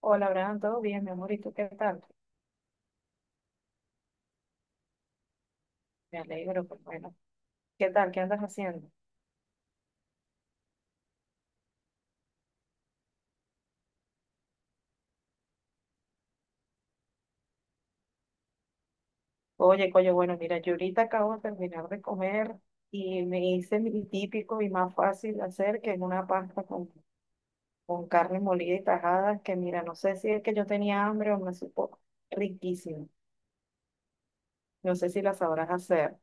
Hola, Abraham, ¿todo bien, mi amor? ¿Y tú qué tal? Me alegro, pues bueno. ¿Qué tal? ¿Qué andas haciendo? Oye, coño, bueno, mira, yo ahorita acabo de terminar de comer y me hice mi típico y más fácil de hacer que es una pasta con carne molida y tajadas, que mira, no sé si es que yo tenía hambre o me supo riquísimo. No sé si la sabrás hacer.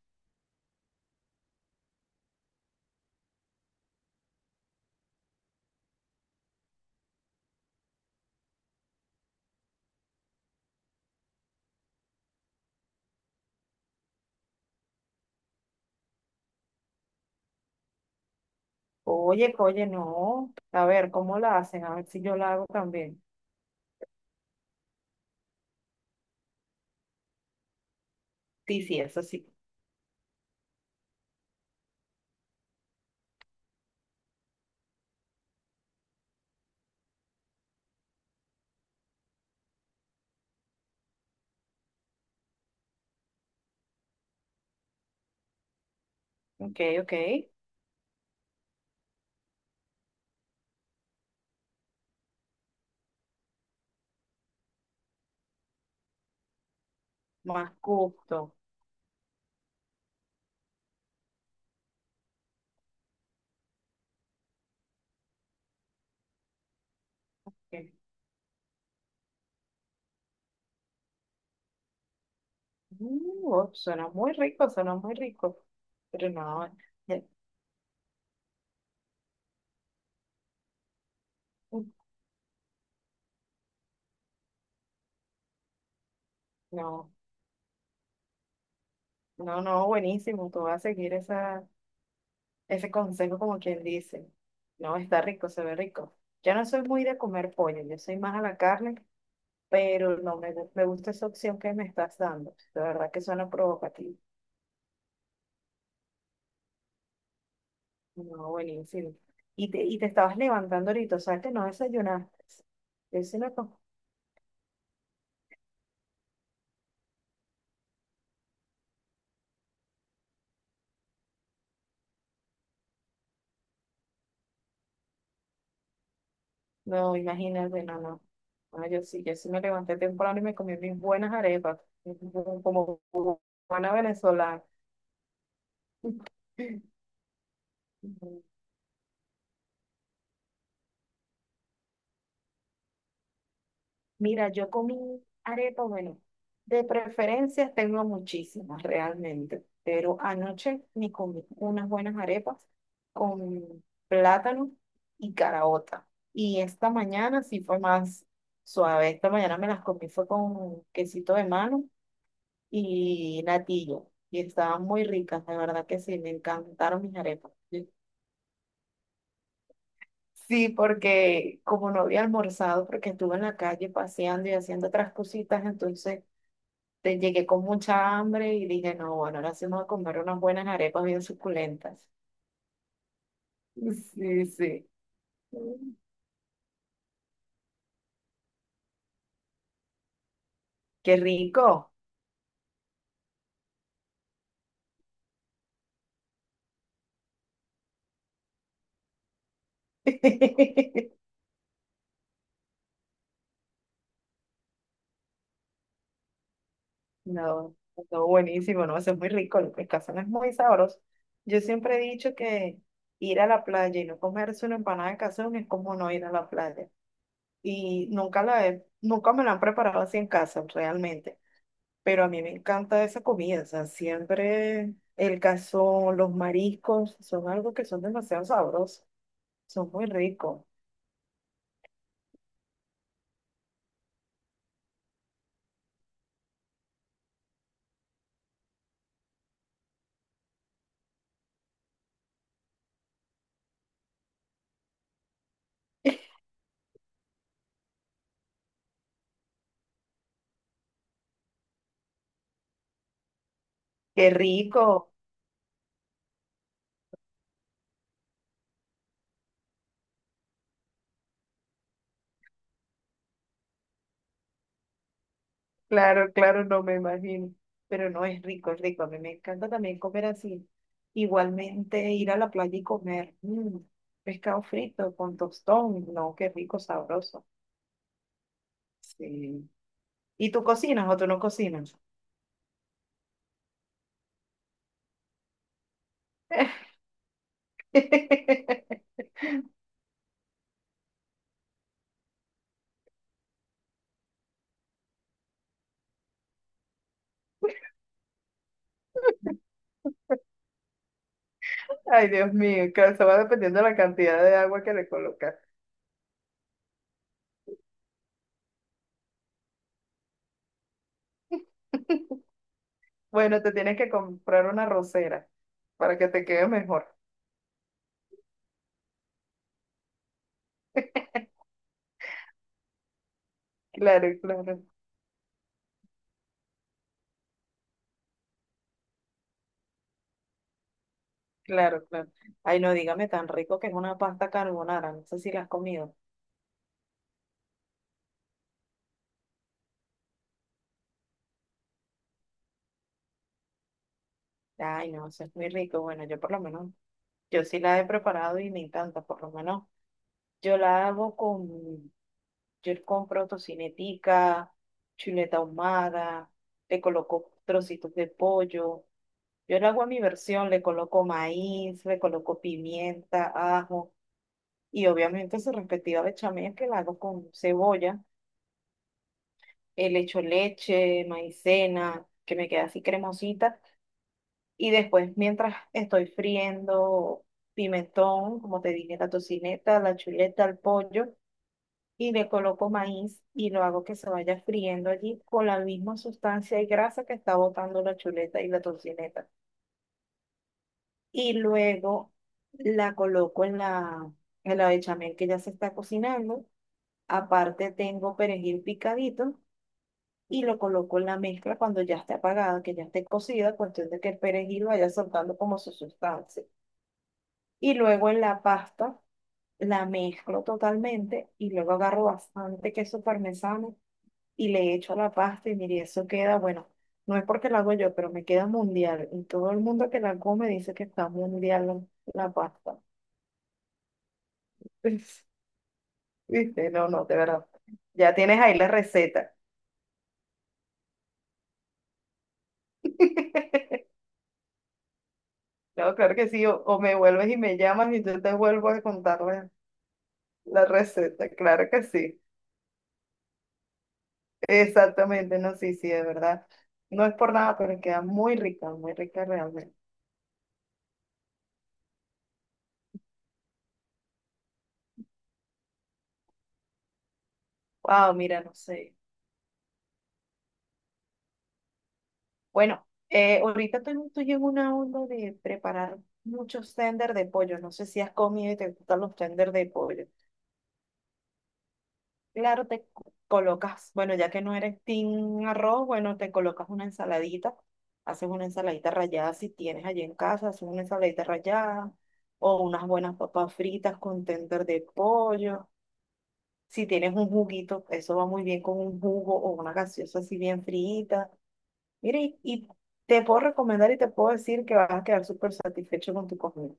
Oye, no. A ver, ¿cómo la hacen? A ver si yo la hago también. Sí, sí, eso sí. Ok, ok. Más gusto. Eh, oh, suena muy rico, suena muy rico. Pero no, ya- uh, no, no, no, buenísimo. Tú vas a seguir ese consejo como quien dice. No, está rico, se ve rico. Yo no soy muy de comer pollo, yo soy más a la carne, pero no me, gu- me gusta esa opción que me estás dando. De verdad que suena provocativo. No, buenísimo. Y te estabas levantando ahorita, o sea que no desayunaste. Yo sí co- No, imagínate, no, no. No, yo sí, yo sí me levanté temprano y me comí mis buenas arepas, como buena venezolana. Mira, yo comí arepa, bueno, de preferencias tengo muchísimas realmente, pero anoche me comí unas buenas arepas con plátano y caraota. Y esta mañana sí fue más suave. Esta mañana me las comí fue con quesito de mano y natillo. Y estaban muy ricas, de verdad que sí, me encantaron mis arepas. Sí. Sí, porque como no había almorzado, porque estuve en la calle paseando y haciendo otras cositas, entonces llegué con mucha hambre y dije, no, bueno, ahora sí vamos a comer unas buenas arepas bien suculentas. Sí, sí. Qué rico. No, no, buenísimo, no, eso es muy rico, el pescazón es muy sabroso. Yo siempre he dicho que ir a la playa y no comerse una empanada de cazón es como no ir a la playa. Y nunca me la han preparado así en casa, realmente. Pero a mí me encanta esa comida, o sea, siempre el cazón, los mariscos, son algo que son demasiado sabrosos, son muy ricos. ¡Qué rico! Claro, claro, no me imagino, pero no es rico, es rico. A mí me encanta también comer así. Igualmente ir a la playa y comer pescado frito con tostón, no, qué rico, sabroso. Sí. ¿Y tú cocinas o tú no cocinas? Ay, Dios mío, claro, eso va dependiendo de la cantidad de agua que le colocas. Bueno, te tienes que comprar una rosera para que te quede mejor. Claro, claro, claro, claro. Ay, no, dígame tan rico que es una pasta carbonara. No sé si la has comido. Ay, no, eso es muy rico. Bueno, yo por lo menos, yo sí la he preparado y me encanta, por lo menos. Yo la hago con, yo compro tocinetica, chuleta ahumada, le coloco trocitos de pollo. Yo le hago a mi versión, le coloco maíz, le coloco pimienta, ajo y obviamente su respectiva bechamel que la hago con cebolla. Le echo leche, maicena, que me queda así cremosita y después, mientras estoy friendo pimentón, como te dije, la tocineta, la chuleta, el pollo, y le coloco maíz y lo hago que se vaya friendo allí con la misma sustancia y grasa que está botando la chuleta y la tocineta. Y luego la coloco en en la bechamel que ya se está cocinando. Aparte tengo perejil picadito y lo coloco en la mezcla cuando ya esté apagada, que ya esté cocida, cuestión de que el perejil vaya soltando como su sustancia. Y luego en la pasta la mezclo totalmente y luego agarro bastante queso parmesano y le echo a la pasta y mire, eso queda, bueno, no es porque lo hago yo, pero me queda mundial. Y todo el mundo que la come dice que está mundial la pasta. ¿Viste? No, no, de verdad. Ya tienes ahí la receta. No, claro que sí, o me vuelves y me llamas y yo te vuelvo a contar la la receta, claro que sí. Exactamente, no, sí, sí, de verdad. No es por nada, pero queda muy rica realmente. Wow, mira, no sé. Bueno, ahorita estoy en una onda de preparar muchos tender de pollo. No sé si has comido y te gustan los tender de pollo. Claro, te colocas, bueno, ya que no eres team arroz, bueno, te colocas una ensaladita. Haces una ensaladita rallada si tienes allí en casa, haces una ensaladita rallada o unas buenas papas fritas con tender de pollo. Si tienes un juguito, eso va muy bien con un jugo o una gaseosa así bien frita. Mira, y te puedo recomendar y te puedo decir que vas a quedar súper satisfecho con tu comida.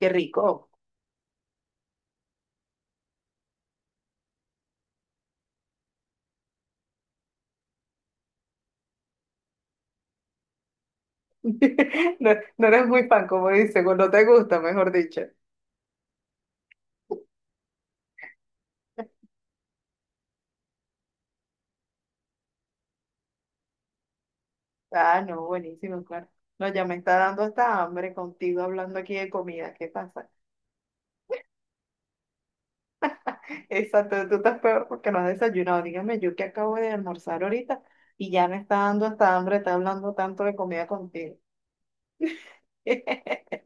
Qué rico. No, no eres muy fan, como dicen, o no te gusta, mejor dicho. Ah, no, buenísimo, claro. No, ya me está dando hasta hambre contigo hablando aquí de comida. ¿Qué pasa? Exacto, tú estás peor porque no has desayunado. Dígame, yo que acabo de almorzar ahorita y ya me está dando hasta hambre, está hablando tanto de comida contigo.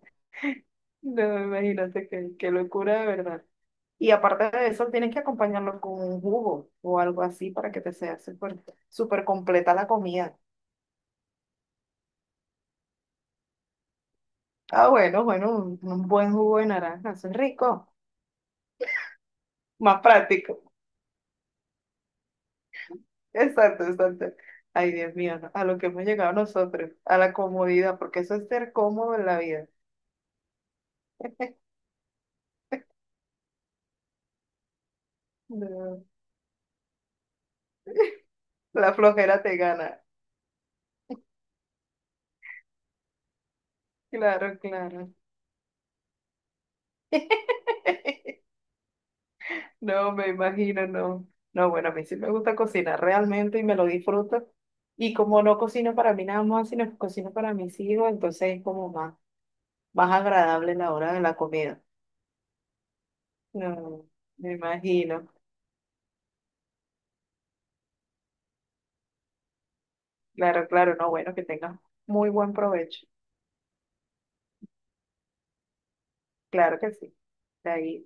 No, me imagínate qué locura de verdad. Y aparte de eso, tienes que acompañarlo con un jugo o algo así para que te sea súper súper completa la comida. Ah, bueno, bueno, un buen jugo de naranja, eso es rico, más práctico. Exacto, exacto. Ay, Dios mío, no, a lo que hemos llegado nosotros, a la comodidad, porque eso es ser cómodo en la vida. No, la flojera te gana. Claro, claro. No, me imagino, no. No, bueno, a mí sí me gusta cocinar realmente y me lo disfruto. Y como no cocino para mí nada más, sino que cocino para mis hijos, entonces es como más, más agradable la hora de la comida. No, me imagino. Claro, claro, no, bueno, que tengas muy buen provecho. Claro que sí. Ahí,